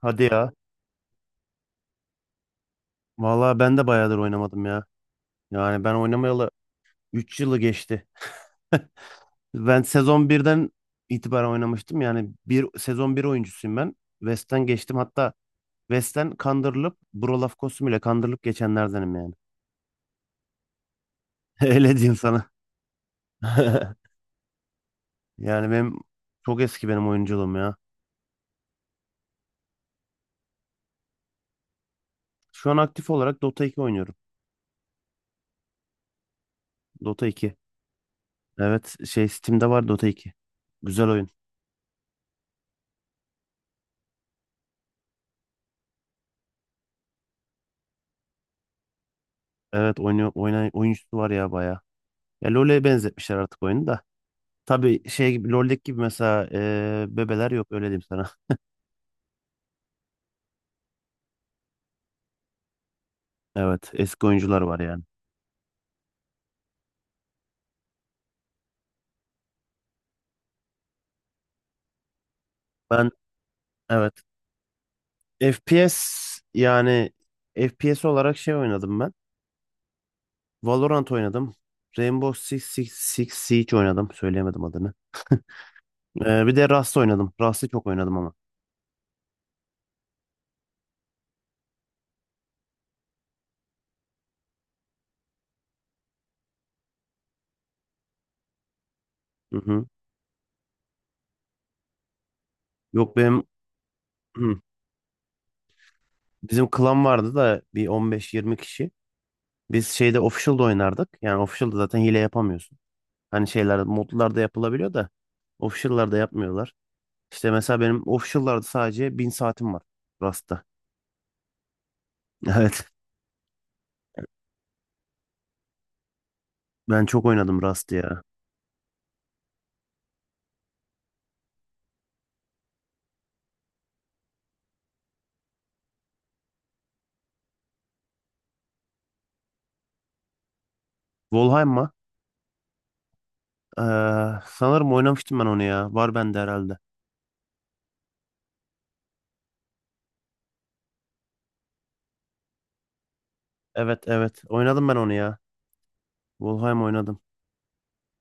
Hadi ya. Vallahi ben de bayağıdır oynamadım ya. Yani ben oynamayalı 3 yılı geçti. Ben sezon birden itibaren oynamıştım. Yani bir sezon bir oyuncusuyum ben. West'ten geçtim. Hatta West'ten kandırılıp Brolaf Kosum ile kandırılıp geçenlerdenim yani. Öyle diyeyim sana. Yani benim çok eski, benim oyunculuğum ya. Şu an aktif olarak Dota 2 oynuyorum. Dota 2. Evet, şey, Steam'de var Dota 2. Güzel oyun. Evet oynuyor, oyuncusu var ya bayağı. Ya LoL'e benzetmişler artık oyunu da. Tabii şey gibi, LoL'deki gibi mesela bebeler yok, öyle diyeyim sana. Evet, eski oyuncular var yani. Ben, evet, FPS, yani FPS olarak şey oynadım ben. Valorant oynadım. Rainbow Six Siege oynadım. Söyleyemedim adını. Bir de Rust oynadım. Rust'ı çok oynadım ama. Hı hı. Yok benim, hı, bizim klan vardı da bir 15-20 kişi. Biz şeyde, official'da oynardık. Yani official'da zaten hile yapamıyorsun. Hani şeyler modlarda yapılabiliyor da official'larda yapmıyorlar. İşte mesela benim official'larda sadece 1.000 saatim var Rust'ta. Evet. Ben çok oynadım Rust'ı ya. Valheim'a sanırım oynamıştım ben onu ya. Var bende herhalde. Evet evet. Oynadım ben onu ya. Valheim oynadım.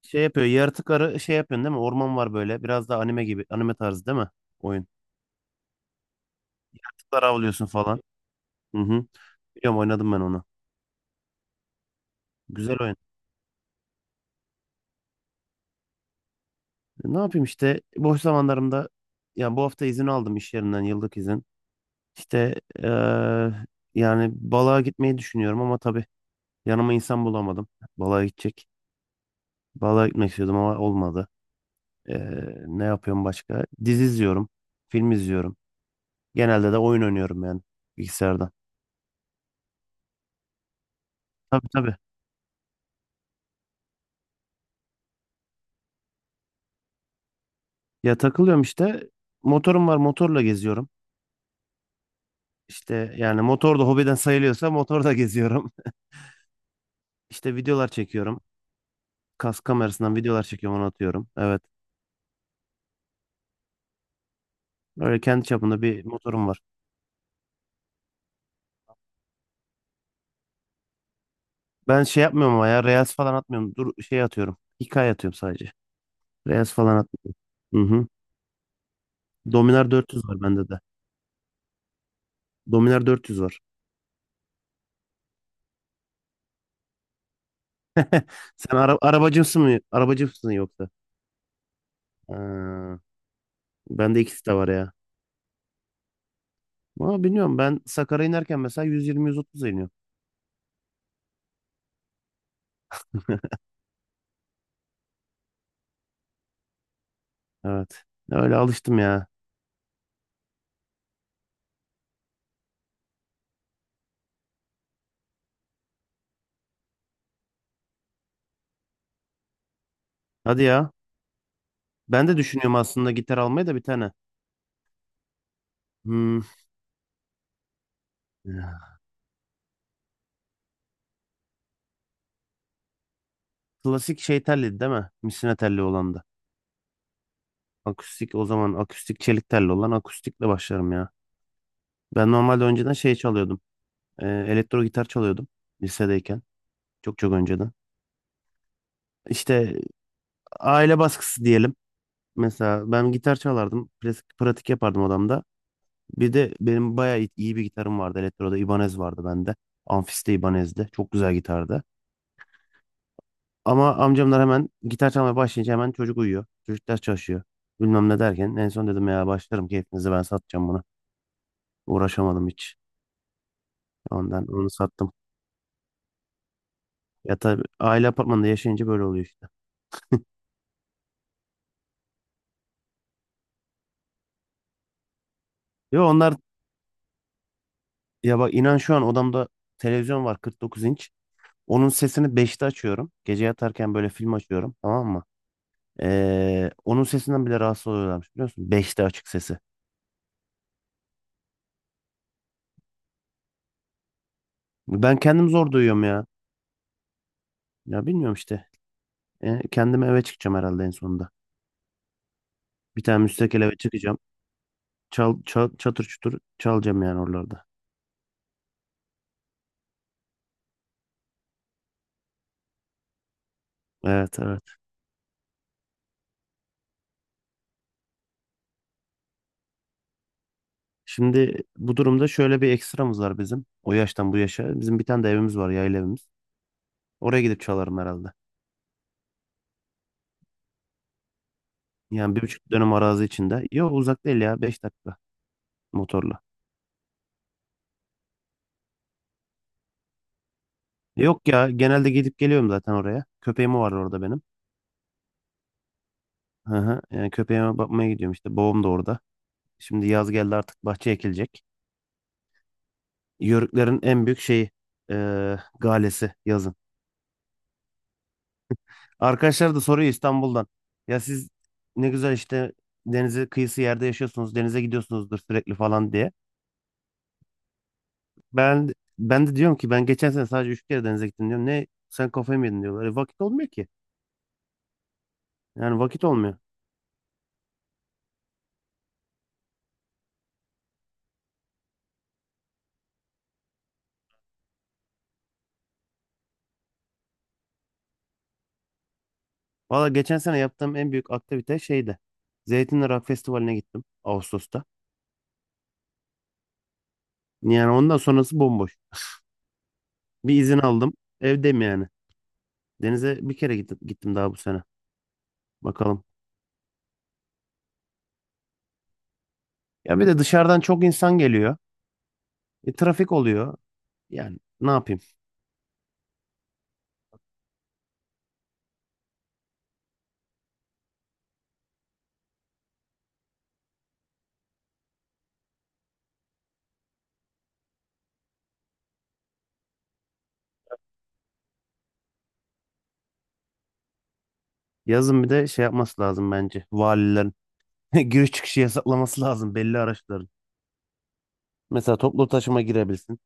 Şey yapıyor. Yaratıkları şey yapıyorsun değil mi? Orman var böyle. Biraz da anime gibi. Anime tarzı değil mi oyun? Kuşlar avlıyorsun falan. Hı hı. Biliyorum, oynadım ben onu. Güzel oyun. Ne yapayım işte? Boş zamanlarımda, yani bu hafta izin aldım iş yerinden, yıllık izin. İşte, yani balığa gitmeyi düşünüyorum ama tabii yanıma insan bulamadım. Balığa gidecek. Balığa gitmek istiyordum ama olmadı. Ne yapıyorum başka? Dizi izliyorum. Film izliyorum. Genelde de oyun oynuyorum yani, bilgisayardan. Tabii, tabii. Ya, takılıyorum işte. Motorum var, motorla geziyorum. İşte yani motor da hobiden sayılıyorsa, motorla geziyorum. İşte videolar çekiyorum. Kask kamerasından videolar çekiyorum, onu atıyorum. Evet. Öyle kendi çapında bir motorum var. Ben şey yapmıyorum ama ya, Reels falan atmıyorum. Dur, şey atıyorum, hikaye atıyorum sadece. Reels falan atmıyorum. Hı hı. Dominar 400 var bende de. Dominar 400 var. Sen arabacımsın mı? Arabacımsın yoksa? Ha, bende ikisi de var ya. Ama bilmiyorum, ben Sakarya inerken mesela 120-130 iniyorum. Evet. Öyle alıştım ya. Hadi ya. Ben de düşünüyorum aslında gitar almayı da, bir tane. Hmm. Ya. Klasik şey telliydi değil mi? Misina telli olan da. Akustik o zaman, akustik çelik telli olan, akustikle başlarım ya. Ben normalde önceden şey çalıyordum. Elektro gitar çalıyordum lisedeyken. Çok çok önceden. İşte aile baskısı diyelim. Mesela ben gitar çalardım, klasik pratik yapardım odamda. Bir de benim bayağı iyi iyi bir gitarım vardı. Elektroda Ibanez vardı bende. Amfiste Ibanez'di, çok güzel gitardı. Ama amcamlar, hemen gitar çalmaya başlayınca hemen, çocuk uyuyor, çocuk ders çalışıyor, bilmem ne derken, en son dedim ya, başlarım keyfinize, ben satacağım bunu. Uğraşamadım hiç. Ondan onu sattım. Ya tabii, aile apartmanında yaşayınca böyle oluyor işte. Yo, onlar. Ya bak, inan, şu an odamda televizyon var 49 inç. Onun sesini 5'te açıyorum. Gece yatarken böyle film açıyorum, tamam mı? Onun sesinden bile rahatsız oluyorlarmış, biliyorsun, 5'te açık sesi. Ben kendim zor duyuyorum ya. Ya bilmiyorum işte. Kendim eve çıkacağım herhalde en sonunda. Bir tane müstakil eve çıkacağım. Çatır çutur çalacağım yani, oralarda. Evet evet. Şimdi bu durumda şöyle bir ekstramız var bizim. O yaştan bu yaşa, bizim bir tane de evimiz var, yayla evimiz. Oraya gidip çalarım herhalde. Yani 1,5 dönüm arazi içinde. Yok, uzak değil ya. 5 dakika motorla. Yok ya, genelde gidip geliyorum zaten oraya. Köpeğim var orada benim. Hı hı. Yani köpeğime bakmaya gidiyorum işte. Babam da orada. Şimdi yaz geldi artık, bahçe ekilecek. Yörüklerin en büyük şeyi galesi yazın. Arkadaşlar da soruyor İstanbul'dan. Ya siz ne güzel işte, denize kıyısı yerde yaşıyorsunuz, denize gidiyorsunuzdur sürekli falan diye. Ben ben de diyorum ki, ben geçen sene sadece 3 kere denize gittim diyorum. Ne, sen kafayı mı yedin diyorlar. E, vakit olmuyor ki. Yani vakit olmuyor. Valla geçen sene yaptığım en büyük aktivite şeydi, Zeytinli Rock Festivali'ne gittim Ağustos'ta. Yani ondan sonrası bomboş. Bir izin aldım, evdeyim yani. Denize bir kere gittim daha bu sene. Bakalım. Ya bir de dışarıdan çok insan geliyor. Trafik oluyor. Yani ne yapayım? Yazın bir de şey yapması lazım bence. Valilerin giriş çıkışı yasaklaması lazım belli araçların. Mesela toplu taşıma girebilsin.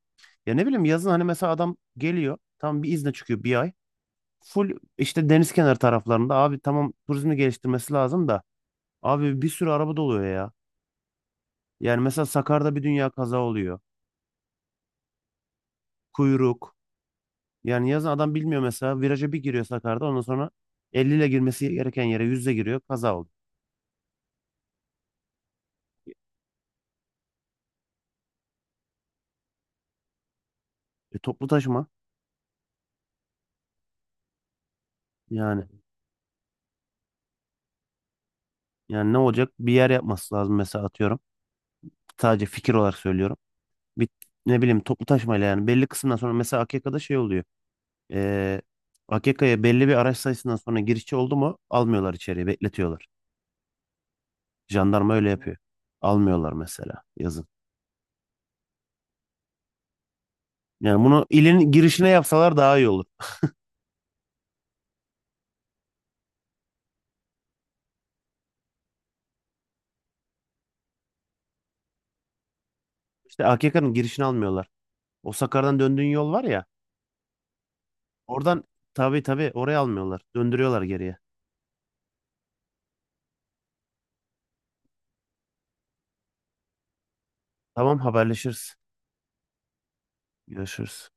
Ya ne bileyim, yazın hani mesela adam geliyor, tam bir izne çıkıyor bir ay. Full işte deniz kenarı taraflarında, abi tamam turizmi geliştirmesi lazım da, abi bir sürü araba doluyor ya. Yani mesela Sakarya'da bir dünya kaza oluyor. Kuyruk. Yani yazın adam bilmiyor, mesela viraja bir giriyor Sakarya'da, ondan sonra 50 ile girmesi gereken yere 100'le giriyor, kaza oldu. Toplu taşıma, yani yani ne olacak, bir yer yapması lazım mesela, atıyorum. Sadece fikir olarak söylüyorum. Bir, ne bileyim, toplu taşımayla yani, belli kısımdan sonra mesela AKK'da şey oluyor. E, AKK'ya belli bir araç sayısından sonra girişçi oldu mu, almıyorlar içeriye, bekletiyorlar. Jandarma öyle yapıyor. Almıyorlar mesela yazın. Yani bunu ilin girişine yapsalar daha iyi olur. İşte AKK'nın girişini almıyorlar. O Sakar'dan döndüğün yol var ya. Oradan, tabii tabii, oraya almıyorlar. Döndürüyorlar geriye. Tamam, haberleşiriz. Görüşürüz.